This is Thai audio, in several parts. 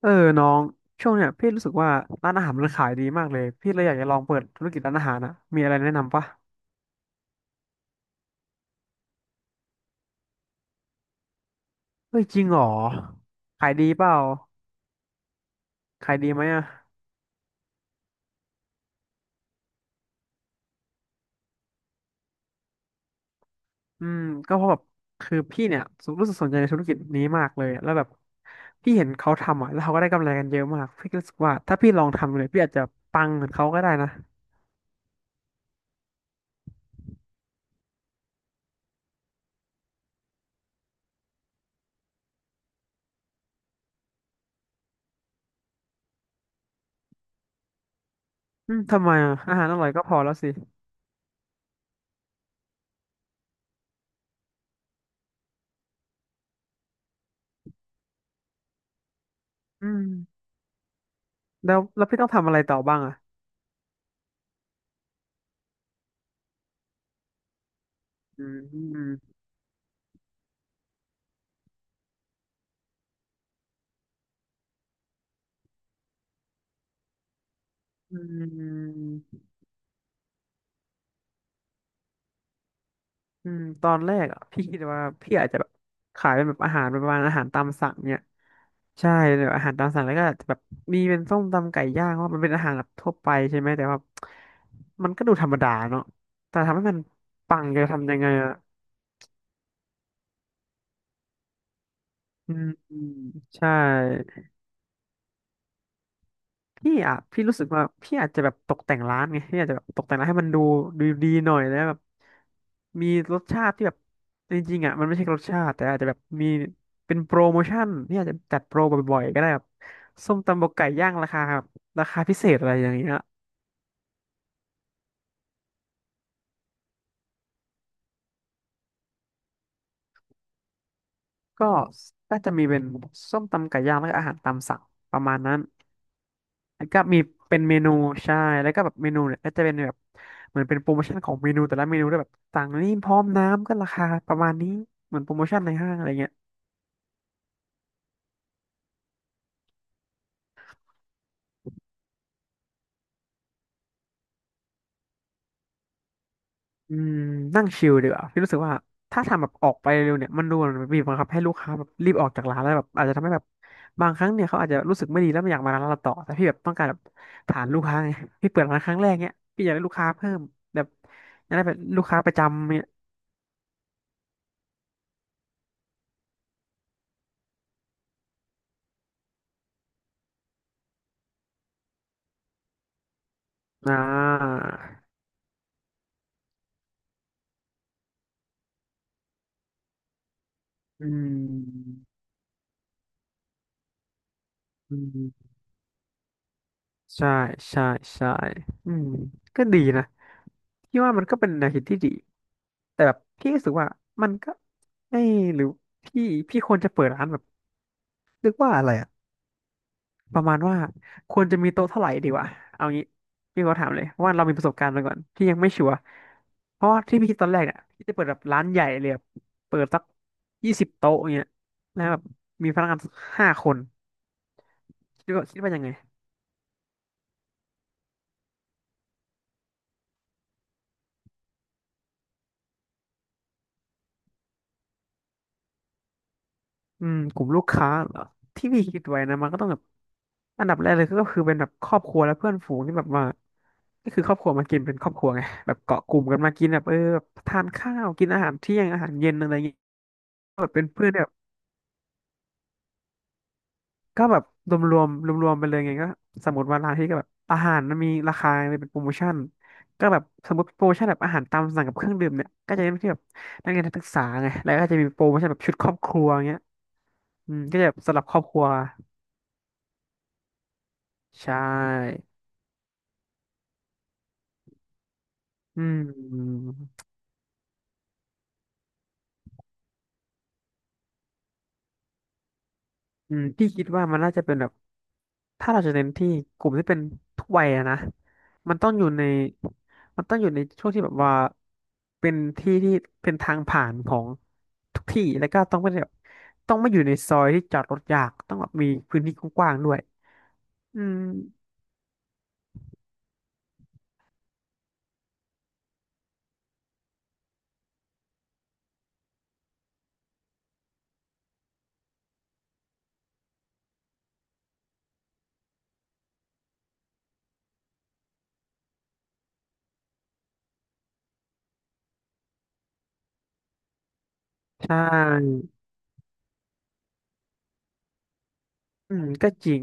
เออน้องช่วงเนี้ยพี่รู้สึกว่าร้านอาหารมันขายดีมากเลยพี่เลยอยากจะลองเปิดธุรกิจร้านอาหารนะมีอะไรแนะนำปะเฮ้ยจริงเหรอขายดีเปล่าขายดีไหมอ่ะอืมก็เพราะแบบคือพี่เนี่ยรู้สึกสนใจในธุรกิจนี้มากเลยแล้วแบบพี่เห็นเขาทำอ่ะแล้วเขาก็ได้กำไรกันเยอะมากพี่ก็รู้สึกว่าถ้าพี่ลองทำเลยพี่อาจจะปังเหมือนเขาก็ได้นะอืมทำไมอ่ะอาหารอร่อยก็พอแล้วสิอืมแล้วพี่ต้องทำอะไรต่อบ้างอ่ะอืมอืม อืมตอนแรกอ่ะพี่คิดว่าพี่อาจจะแบบขายเป็นแบบอาหารประมาณอาหารตามสั่งเนี่ยใช่แบบอาหารตามสั่งแล้วก็อาจจะแบบมีเป็นส้มตำไก่ย่างเพราะว่ามันเป็นอาหารแบบทั่วไปใช่ไหมแต่ว่ามันก็ดูธรรมดาเนาะแต่ทำให้มันปังจะทำยังไงอ่ะอืมใช่ พี่อ่ะพี่รู้สึกว่าพี่อาจจะแบบตกแต่งร้านไงพี่อาจจะแบบตกแต่งร้านให้มันดูดูดีหน่อยแล้วแบบมีรสชาติที่แบบจริงๆอ่ะมันไม่ใช่รสชาติแต่อาจจะแบบมีเป็นโปรโมชั่นพี่อาจจะจัดโปรบ่อยๆก็ได้แบบส้มตำบกไก่ย่างราคาแบบราคาพิเศษอะไรอย่างเงี้ยก็น่าจะมีเป็นส้มตำไก่ย่างแล้วก็อาหารตามสั่งประมาณนั้น แล้วก็มีเป็นเมนูใช่แล้วก็แบบเมนูเนี่ยก็จะเป็นแบบเหมือนเป็นโปรโมชั่นของเมนูแต่ละเมนูด้วยแบบสั่งนี่พร้อมน้ำก็ราคาประมาณนี้เหมือนโปรโมชั่นในห้างอะไรเงี้ยอืมนั่งชิลดีกว่าพี่รู้สึกว่าถ้าทำแบบออกไปเร็วเนี่ยมันดูเหมือนบีบบังคับให้ลูกค้าแบบรีบออกจากร้านแล้วแบบอาจจะทำให้แบบบางครั้งเนี่ยเขาอาจจะรู้สึกไม่ดีแล้วไม่อยากมาร้านเราต่อแต่พี่แบบต้องการแบบฐานลูกค้าไงพี่เปิดร้านครั้งแรกเนี่ยพี่อยากได้ลูกค้าเพิ่มแบบอยากได้เป็นลูกค้าประจำเนี่ยอ่าอืม ใช่ใช่ใช่ อืม ก็ดีนะพี่ว่ามันก็เป็นแนวคิดที่ดี แต่แบบพี่รู้สึกว่ามันก็ไม่หรือพี่พี่ควรจะเปิดร้านแบบเรียกว่าอะไรอะประมาณว่าควรจะมีโต๊ะเท่าไหร่ดีวะเอางี้พี่ก็ถามเลยว่าเรามีประสบการณ์มาก่อนพี่ยังไม่ชัวร์เพราะว่าที่พี่คิดตอนแรกเนี่ยพี่จะเปิดแบบร้านใหญ่เลยแบบเปิดสัก20 โต๊ะอย่างเงี้ยแล้วแบบมีพนักงาน5 คนคิดว่ายังไง อืมกลุ่มลูกค้าเหรอที่พี่คิดไว้นะมันก็ต้องแบบอันดับแรกเลยก็คือเป็นแบบครอบครัวและเพื่อนฝูงที่แบบว่าก็คือครอบครัวมากินเป็นครอบครัวไง แบบเกาะกลุ่มกันมากินแบบเออแบบทานข้าวกินอาหารเที่ยงอาหารเย็นอะไรเงี้ยกแบบเป็นเพื่อนี่แบบก็แบบรวมๆไปเลยไงก็สมมติว่าร้านที่ก็แบบอาหารมันมีราคาเป็นโปรโมชั่นก็แบบสมมติโปรโมชั่นแบบอาหารตามสั่งกับเครื่องดื่มเนี่ยก็จะเป็นที่แบบนักเรียนนักศึกษาไงแล้วก็จะมีโปรโมชั่นแบบชุดครอบครัวเงี้ยอืมก็จะแบบสำหรับครอบครัวใช่ อืมอืมพี่คิดว่ามันน่าจะเป็นแบบถ้าเราจะเน้นที่กลุ่มที่เป็นทุกวัยอะนะมันต้องอยู่ในมันต้องอยู่ในช่วงที่แบบว่าเป็นที่ที่เป็นทางผ่านของทุกที่แล้วก็ต้องไม่ได้แบบต้องไม่อยู่ในซอยที่จอดรถยากต้องแบบมีพื้นที่กว้างๆด้วยอืมใช่อืมก็จริง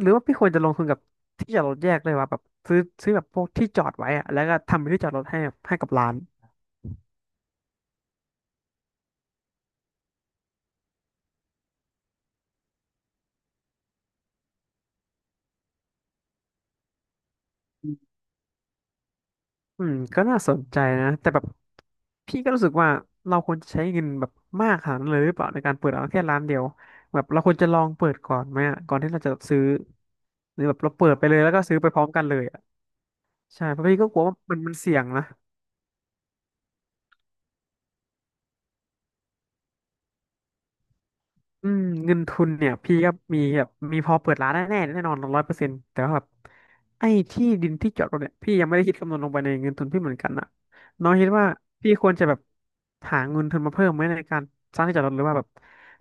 หรือว่าพี่ควรจะลงทุนกับที่จอดรถแยกเลยว่าแบบซื้อแบบพวกที่จอดไว้อะแล้วก็ทำเป็นที่จอดรถให้ให้กับร้าน อืมก็น่าสนใจนะแต่แบบพี่ก็รู้สึกว่าเราควรจะใช้เงินแบบมากขนาดนั้นเลยหรือเปล่าในการเปิดร้านแค่ร้านเดียวแบบเราควรจะลองเปิดก่อนไหมอะก่อนที่เราจะซื้อหรือแบบเราเปิดไปเลยแล้วก็ซื้อไปพร้อมกันเลยอ่ะใช่เพราะพี่ก็กลัวว่ามันเสี่ยงนะ อืมเงินทุนเนี่ยพี่ก็มีแบบมีพอเปิดร้านแน่นอน100%แต่ว่าแบบไอ้ที่ดินที่จอดรถเนี่ยพี่ยังไม่ได้คิดคำนวณลงไปในเงินทุนพี่เหมือนกันอะน้องคิดว่าพี่ควรจะแบบหาเงินทุนมาเพิ่มไหมในการสร้างที่จอดรถหรือว่าแบบ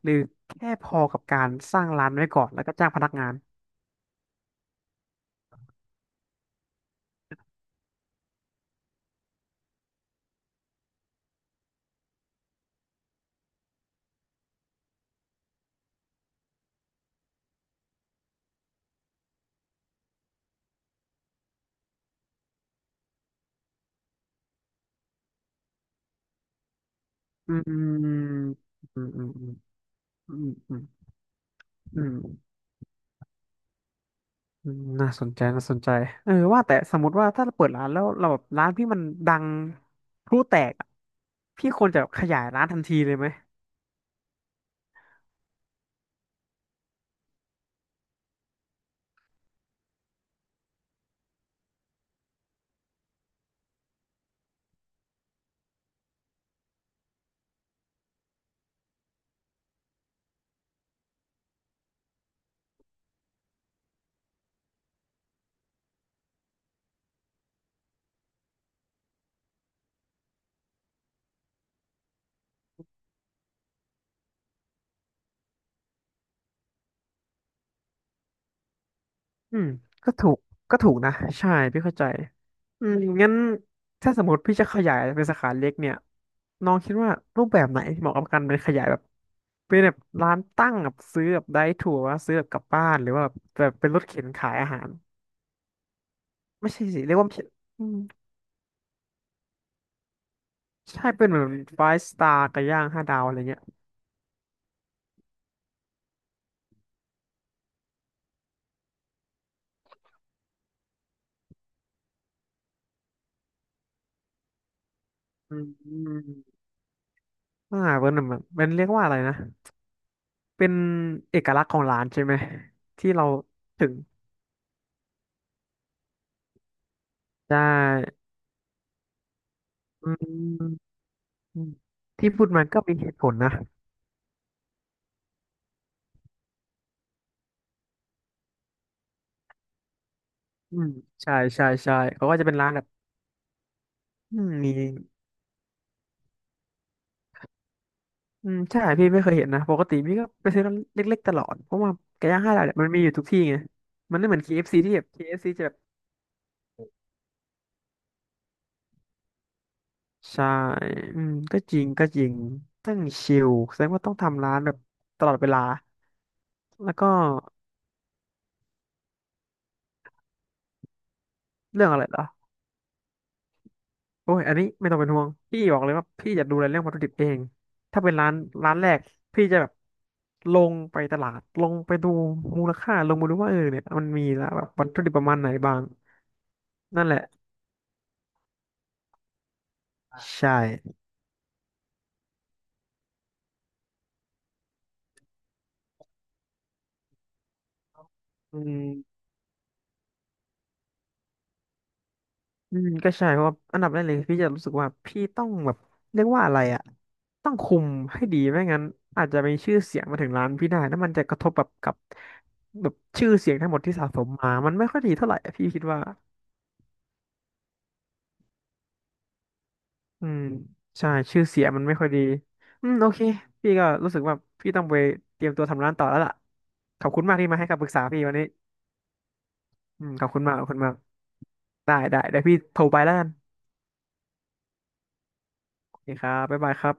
หรือแค่พอกับการสร้างร้านไว้ก่อนแล้วก็จ้างพนักงานอืมอืมอืมอืมอืมอืมอืม อืมน่าสนใจน่าสนใจเออว่าแต่สมมติว่าถ้าเราเปิดร้านแล้วเราแบบร้านพี่มันดังพลุแตกอะพี่ควรจะขยายร้านทันทีเลยไหมอืมก็ถูกก็ถูกนะใช่พี่เข้าใจอืมงั้นถ้าสมมติพี่จะขยายเป็นสาขาเล็กเนี่ยน้องคิดว่ารูปแบบไหนที่เหมาะกับการเป็นขยายแบบเป็นแบบร้านตั้งแบบซื้อแบบได้ถั่วว่าซื้อแบบกลับบ้านหรือว่าแบบแบบเป็นรถเข็นขายอาหารไม่ใช่สิเรียกว่าไม่ใช่อืมใช่เป็นเหมือนไฟสตาร์กับย่างห้าดาวอะไรเงี้ย อืมอ่าเป็นแบบเป็นเรียกว่าอะไรนะเป็นเอกลักษณ์ของร้านใช่ไหมที่เราถึงได้อืมที่พูดมันก็มีเหตุผลนะอืมใช่ใช่ใช่เขาก็จะเป็นร้านแบบอืมมีอืมใช่พี่ไม่เคยเห็นนะปกติพี่ก็ไปซื้อร้านเล็กๆตลอดเพราะว่าไก่ย่างห้าดาวเนี่ยมันมีอยู่ทุกที่ไงมันไม่เหมือน KFC ที่แบบ KFC จะแบบใช่อืมก็จริงก็จริงตั้งชิลแสดงว่าต้องทำร้านแบบตลอดเวลาแล้วก็เรื่องอะไรเหรอ โอ้ยอันนี้ไม่ต้องเป็นห่วงพี่บอกเลยว่าพี่จะดูแลเรื่องวัตถุดิบเอง ถ้าเป็นร้านแรกพี่จะแบบลงไปตลาดลงไปดูมูลค่าลงมาดูว่าเออเนี่ยมันมีแล้วแบบวัตถุดิบประมาณไหนบ้างนั่นแหละใช่อืมอืมก็ใช่เพราะว่าอันดับแรกเลยพี่จะรู้สึกว่าพี่ต้องแบบเรียกว่าอะไรอะต้องคุมให้ดีไม่งั้นอาจจะมีชื่อเสียงมาถึงร้านพี่ได้แล้วมันจะกระทบแบบกับแบบชื่อเสียงทั้งหมดที่สะสมมามันไม่ค่อยดีเท่าไหร่อะพี่คิดว่า อืมใช่ชื่อเสียงมันไม่ค่อยดีอืมโอเคพี่ก็รู้สึกว่าพี่ต้องไปเตรียมตัวทำร้านต่อแล้วล่ะขอบคุณมากที่มาให้คำปรึกษาพี่วันนี้อืมขอบคุณมากขอบคุณมากได้ได้เดี๋ยวพี่โทรไปแล้วกันโอเคครับบ๊ายบายครับ